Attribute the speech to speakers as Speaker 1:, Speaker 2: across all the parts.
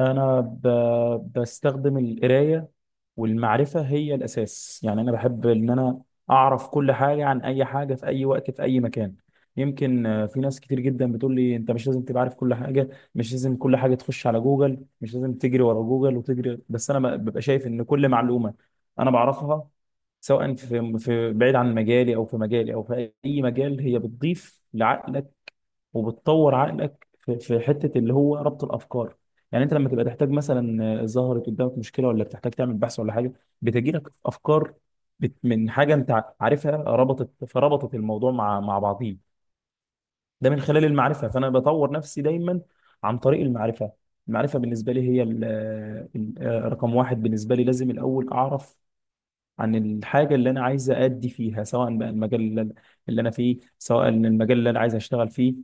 Speaker 1: أنا بستخدم القراية والمعرفة هي الأساس. يعني أنا بحب إن أنا أعرف كل حاجة عن أي حاجة في أي وقت في أي مكان. يمكن في ناس كتير جدا بتقول لي أنت مش لازم تبقى عارف كل حاجة، مش لازم كل حاجة تخش على جوجل، مش لازم تجري ورا جوجل وتجري. بس أنا ببقى شايف إن كل معلومة أنا بعرفها، سواء في بعيد عن مجالي أو في مجالي أو في أي مجال، هي بتضيف لعقلك وبتطور عقلك في حته اللي هو ربط الافكار. يعني انت لما تبقى تحتاج مثلا ظهرت قدامك مشكله ولا بتحتاج تعمل بحث ولا حاجه، بتجي لك افكار من حاجه انت عارفها ربطت، فربطت الموضوع مع بعضيه. ده من خلال المعرفه، فانا بطور نفسي دايما عن طريق المعرفه. المعرفه بالنسبه لي هي رقم 1. بالنسبه لي لازم الاول اعرف عن الحاجه اللي انا عايز ادي فيها، سواء بقى المجال اللي انا فيه، سواء المجال اللي انا عايز اشتغل فيه.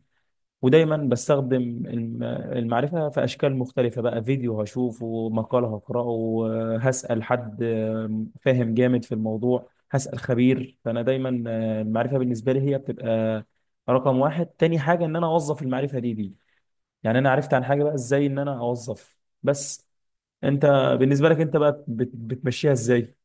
Speaker 1: ودايما بستخدم المعرفة في أشكال مختلفة، بقى فيديو هشوفه، مقال هقرأه، هسأل حد فاهم جامد في الموضوع، هسأل خبير. فأنا دايما المعرفة بالنسبة لي هي بتبقى رقم 1. تاني حاجة إن أنا أوظف المعرفة دي. يعني أنا عرفت عن حاجة بقى إزاي إن أنا أوظف. بس أنت، بالنسبة لك أنت بقى بتمشيها إزاي؟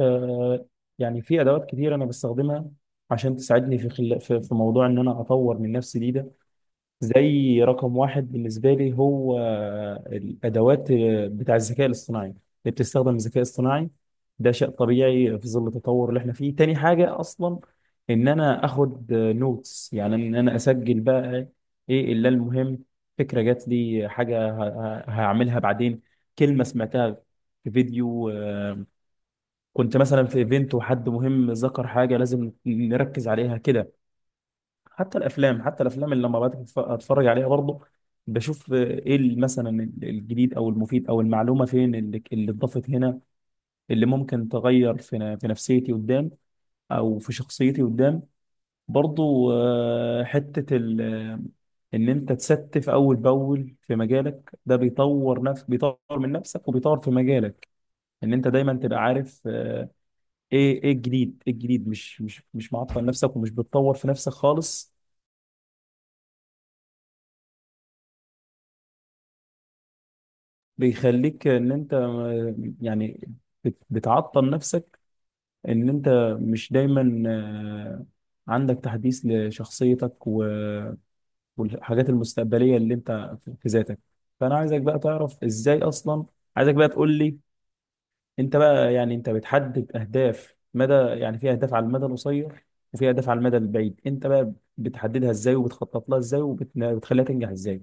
Speaker 1: آه، يعني في أدوات كتير أنا بستخدمها عشان تساعدني في في موضوع إن أنا أطور من نفسي دي ده. زي رقم 1 بالنسبة لي هو الأدوات بتاع الذكاء الاصطناعي، اللي بتستخدم الذكاء الاصطناعي. ده شيء طبيعي في ظل التطور اللي احنا فيه. تاني حاجة أصلا إن أنا أخد نوتس، يعني إن أنا أسجل بقى إيه إلا المهم، فكرة جات لي حاجة هعملها بعدين، كلمة سمعتها في فيديو، كنت مثلا في ايفنت وحد مهم ذكر حاجة لازم نركز عليها كده. حتى الافلام، حتى الافلام اللي لما بقعد اتفرج عليها برضه، بشوف ايه مثلا الجديد او المفيد او المعلومه فين اللي اتضافت هنا، اللي ممكن تغير في نفسيتي قدام، او في شخصيتي قدام برضه. آه، حته ال- آه، ان انت اول باول في مجالك، ده بيطور نفسك، بيطور من نفسك وبيطور في مجالك. ان انت دايما تبقى عارف ايه الجديد، مش معطل نفسك ومش بتطور في نفسك خالص. بيخليك ان انت يعني بتعطل نفسك، ان انت مش دايما عندك تحديث لشخصيتك والحاجات المستقبلية اللي انت في ذاتك. فانا عايزك بقى تعرف ازاي اصلا، عايزك بقى تقول لي. انت بقى، يعني انت بتحدد اهداف مدى، يعني في اهداف على المدى القصير وفي اهداف على المدى البعيد، انت بقى بتحددها ازاي وبتخطط لها ازاي وبتخليها تنجح ازاي؟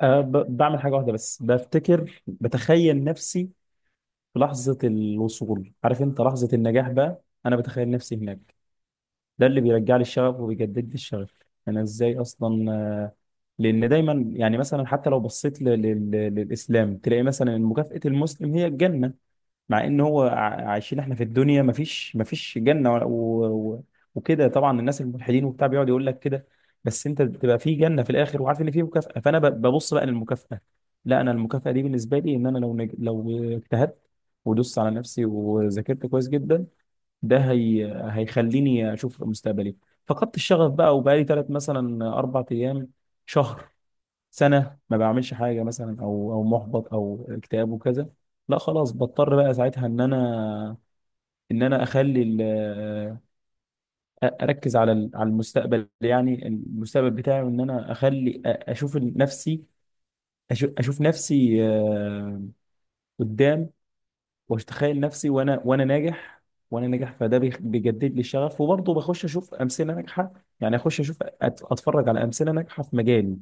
Speaker 1: أه، بعمل حاجة واحدة بس، بفتكر بتخيل نفسي في لحظة الوصول، عارف انت لحظة النجاح بقى، انا بتخيل نفسي هناك. ده اللي بيرجع لي الشغف وبيجدد لي الشغف. انا ازاي اصلا لان دايما يعني مثلا حتى لو بصيت للاسلام تلاقي مثلا إن مكافأة المسلم هي الجنة. مع ان هو عايشين احنا في الدنيا، مفيش جنه و... وكده، طبعا الناس الملحدين وبتاع بيقعد يقول لك كده. بس انت بتبقى في جنه في الاخر وعارف ان في مكافاه، فانا ببص بقى للمكافاه. لا انا المكافاه دي بالنسبه لي، ان انا لو لو اجتهدت ودوست على نفسي وذاكرت كويس جدا، ده هيخليني اشوف مستقبلي. فقدت الشغف بقى وبقالي ثلاث مثلا اربع ايام، شهر، سنه ما بعملش حاجه مثلا، او محبط او اكتئاب وكذا، لا خلاص بضطر بقى ساعتها ان انا اخلي اركز على المستقبل، يعني المستقبل بتاعي وان انا اخلي اشوف نفسي، اشوف نفسي قدام. واتخيل نفسي وانا ناجح، وانا ناجح، فده بيجدد لي الشغف. وبرضه بخش اشوف امثله ناجحه، يعني اخش اشوف اتفرج على امثله ناجحه في مجالي،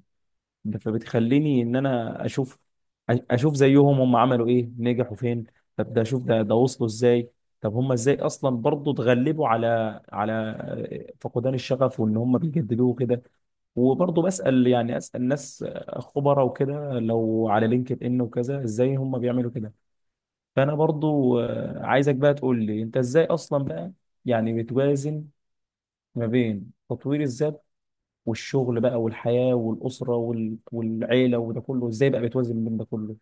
Speaker 1: فبتخليني ان انا اشوف زيهم، هم عملوا ايه نجحوا فين، طب ده اشوف ده وصلوا ازاي، طب هم ازاي اصلا برضه اتغلبوا على فقدان الشغف وان هم بيجددوه كده. وبرضه بسأل، يعني اسأل ناس خبراء وكده، لو على لينكد ان وكذا ازاي هم بيعملوا كده. فانا برضه عايزك بقى تقول لي انت ازاي اصلا بقى، يعني بتوازن ما بين تطوير الذات والشغل بقى والحياة والأسرة والعيلة، وده كله ازاي بقى بتوازن بين ده كله؟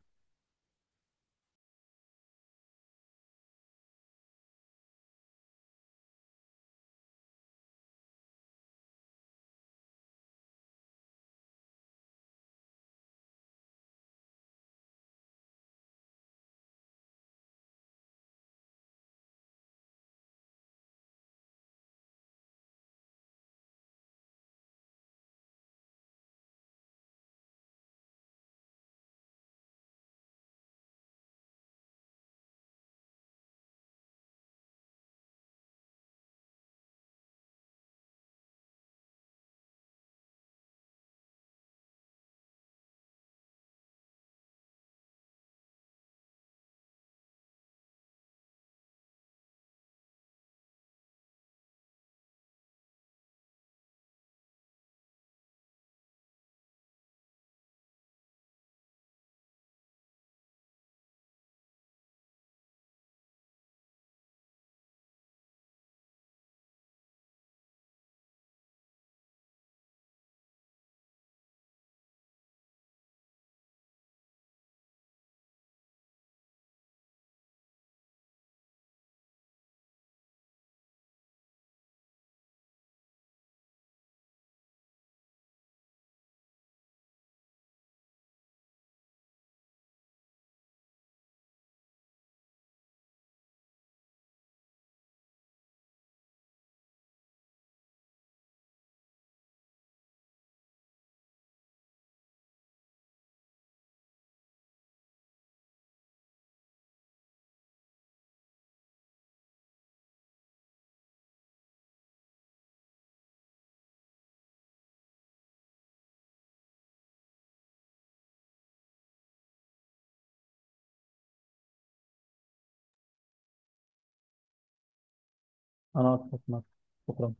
Speaker 1: انا اتفق معاك. شكرا.